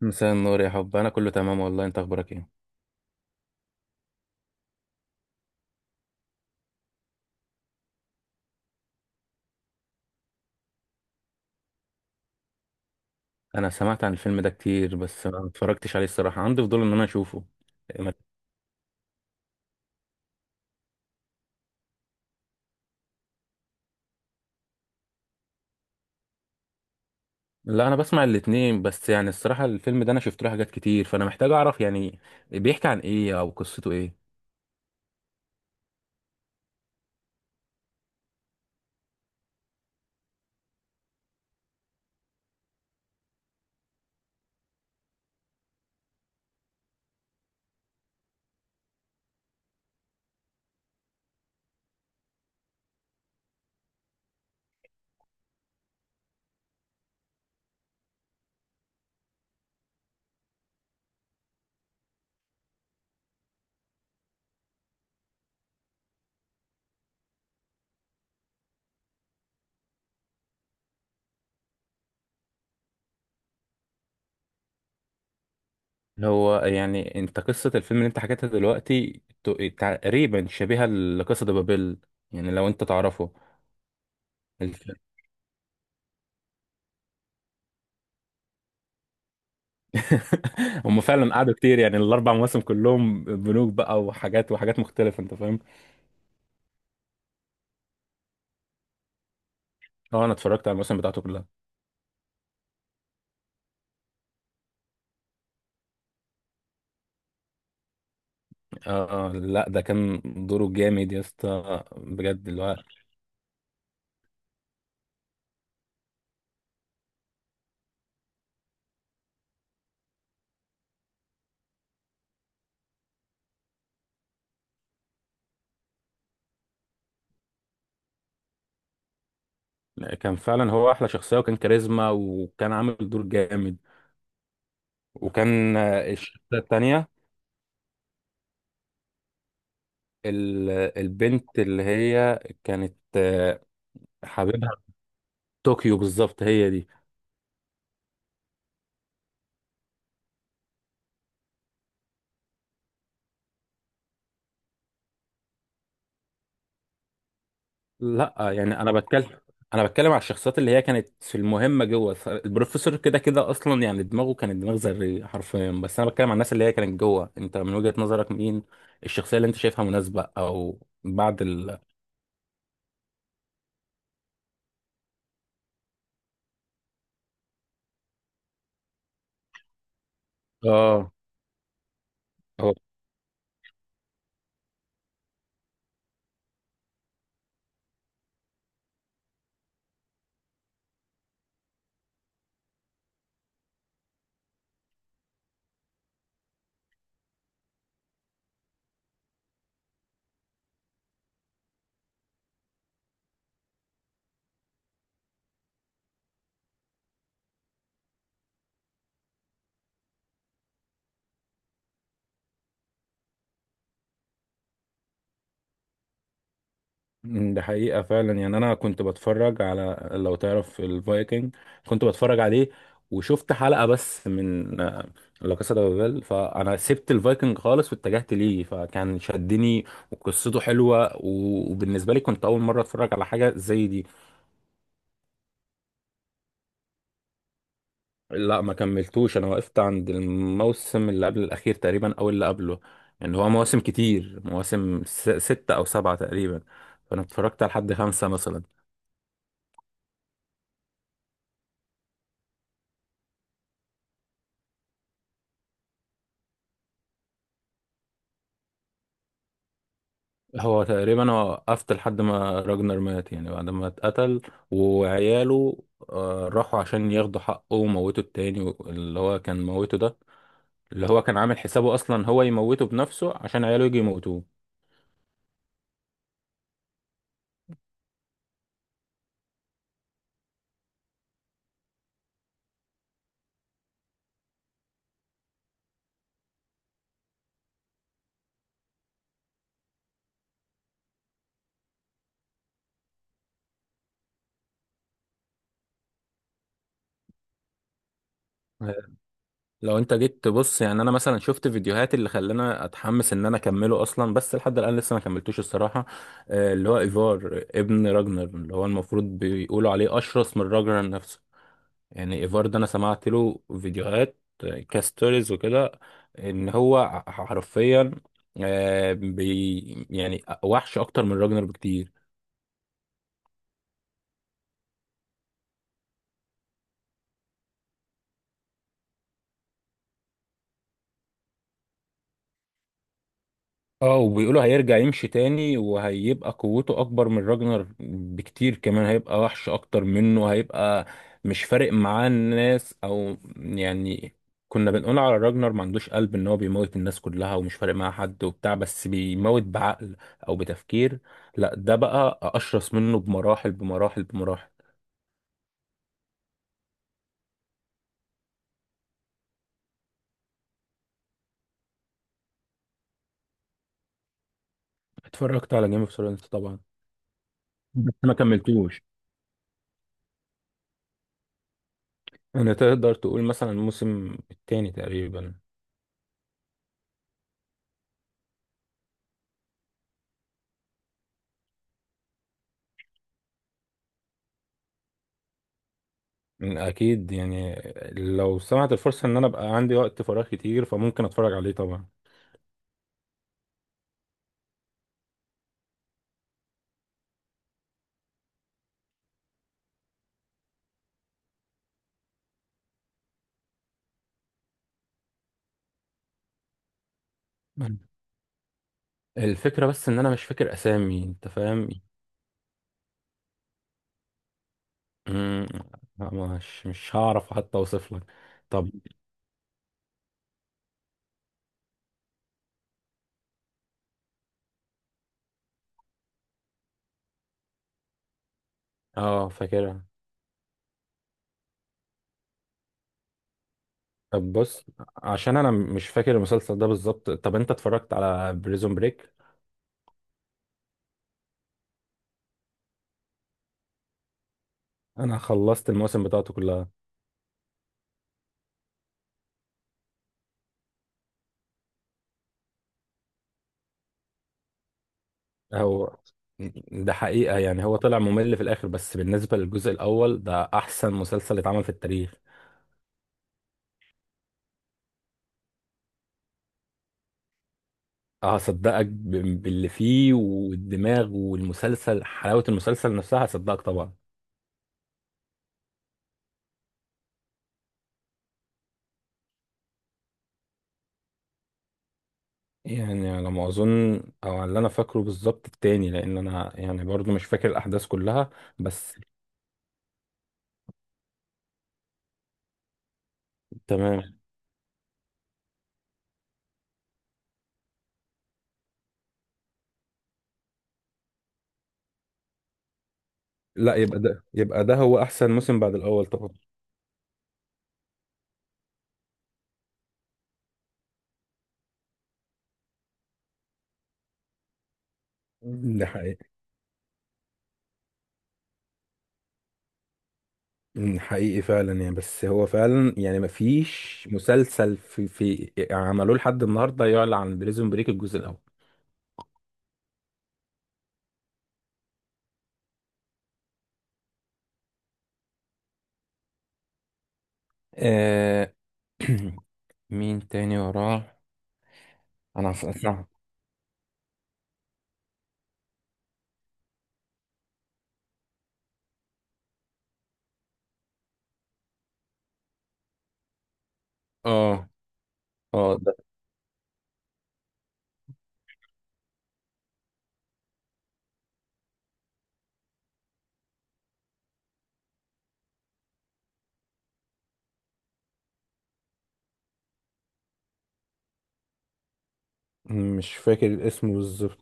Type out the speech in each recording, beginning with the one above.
مساء النور يا حب، انا كله تمام والله. انت اخبارك ايه؟ انا سمعت عن الفيلم ده كتير، بس ما اتفرجتش عليه الصراحه. عندي فضول ان انا اشوفه. ما- لا انا بسمع الاتنين، بس يعني الصراحه الفيلم ده انا شفت له حاجات كتير، فانا محتاج اعرف يعني بيحكي عن ايه او قصته ايه. هو يعني انت قصه الفيلم اللي انت حكيتها دلوقتي تقريبا شبيهه لقصه بابل، يعني لو انت تعرفه. الف- هم فعلا قعدوا كتير، يعني ال4 مواسم كلهم بنوك بقى وحاجات وحاجات مختلفه، انت فاهم. اه، انا اتفرجت على المواسم بتاعته كلها. اه، لا ده كان دوره جامد يا اسطى بجد اللي هو. كان فعلا هو احلى شخصيه وكان كاريزما وكان عامل دور جامد، وكان الشخصيه التانيه، ال- البنت اللي هي كانت حبيبها في طوكيو، بالظبط هي دي. لا يعني انا بتكلم على الشخصيات اللي هي كانت في المهمه، جوه البروفيسور كده كده اصلا، يعني دماغه كانت دماغ ذريه حرفيا، بس انا بتكلم على الناس اللي هي كانت جوه. انت من وجهه نظرك مين الشخصيه اللي انت شايفها مناسبه او بعد؟ اه، هو. ده حقيقة فعلا، يعني انا كنت بتفرج على، لو تعرف الفايكنج، كنت بتفرج عليه. وشفت حلقة بس من لا كاسا دي بابيل، فانا سبت الفايكنج خالص واتجهت ليه، فكان شدني وقصته حلوة، وبالنسبة لي كنت اول مرة اتفرج على حاجة زي دي. لا، ما كملتوش، انا وقفت عند الموسم اللي قبل الاخير تقريبا او اللي قبله. يعني هو مواسم كتير، مواسم 6 او 7 تقريبا، فانا اتفرجت على لحد 5 مثلا. هو تقريبا أنا وقفت لحد ما راجنر مات، يعني بعد ما اتقتل وعياله راحوا عشان ياخدوا حقه وموتوا. التاني اللي هو كان موته ده، اللي هو كان عامل حسابه اصلا هو يموته بنفسه عشان عياله يجي يموتوه. لو انت جيت تبص، يعني انا مثلا شفت فيديوهات اللي خلاني اتحمس ان انا اكمله اصلا، بس لحد الان لسه ما كملتوش الصراحه. اللي هو ايفار ابن راجنر، اللي هو المفروض بيقولوا عليه اشرس من راجنر نفسه. يعني ايفار ده انا سمعت له فيديوهات كاستوريز وكده، ان هو حرفيا آه، بي يعني وحش اكتر من راجنر بكتير. اه، وبيقولوا هيرجع يمشي تاني وهيبقى قوته اكبر من راجنر بكتير كمان، هيبقى وحش اكتر منه، هيبقى مش فارق معاه الناس. او يعني كنا بنقول على راجنر ما عندوش قلب، ان هو بيموت الناس كلها ومش فارق معاه حد وبتاع، بس بيموت بعقل او بتفكير. لا ده بقى اشرس منه بمراحل بمراحل بمراحل. اتفرجت على جيم اوف ثرونز طبعا، بس ما كملتوش. انا تقدر تقول مثلا الموسم التاني تقريبا. اكيد يعني، لو سمعت الفرصه ان انا ابقى عندي وقت فراغ كتير فممكن اتفرج عليه طبعا. مم. الفكره بس ان انا مش فاكر اسامي، انت فاهم. مم، مش هعرف حتى اوصف لك. طب. اه، فاكرها. طب بص، عشان انا مش فاكر المسلسل ده بالظبط، طب انت اتفرجت على بريزون بريك؟ انا خلصت المواسم بتاعته كلها. هو ده حقيقه، يعني هو طلع ممل في الاخر، بس بالنسبه للجزء الاول ده احسن مسلسل اتعمل في التاريخ. هصدقك باللي فيه والدماغ والمسلسل، حلاوة المسلسل نفسها هصدقك طبعا. يعني على ما اظن، او على اللي انا فاكره بالظبط التاني، لان انا يعني برضو مش فاكر الاحداث كلها بس. تمام. لا، يبقى ده هو احسن موسم بعد الاول طبعا. ده حقيقي. ده حقيقي فعلا، يعني بس هو فعلا يعني ما فيش مسلسل في عملوه لحد النهارده يعلى عن بريزون بريك الجزء الاول. آه... مين تاني وراه؟ انا هسأل- اه، اه، ده مش فاكر الاسم بالظبط.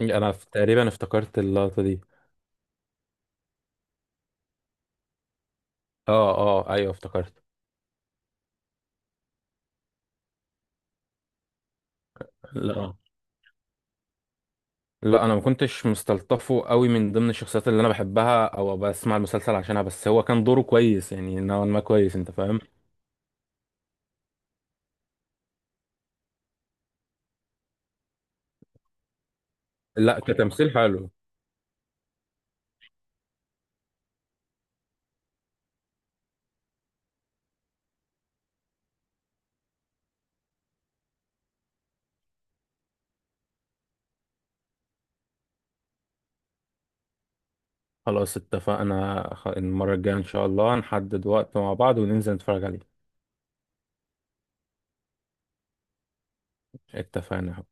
يعني انا تقريبا افتكرت اللقطه دي. اه، اه، ايوه افتكرت. لا، لا، انا ما كنتش مستلطفه قوي من ضمن الشخصيات اللي انا بحبها او بسمع المسلسل عشانها، بس هو كان دوره كويس، يعني نوعا ما كويس، انت فاهم. لا، كتمثيل حلو. خلاص اتفقنا، المره الجايه ان شاء الله نحدد وقت مع بعض وننزل نتفرج عليه. اتفقنا.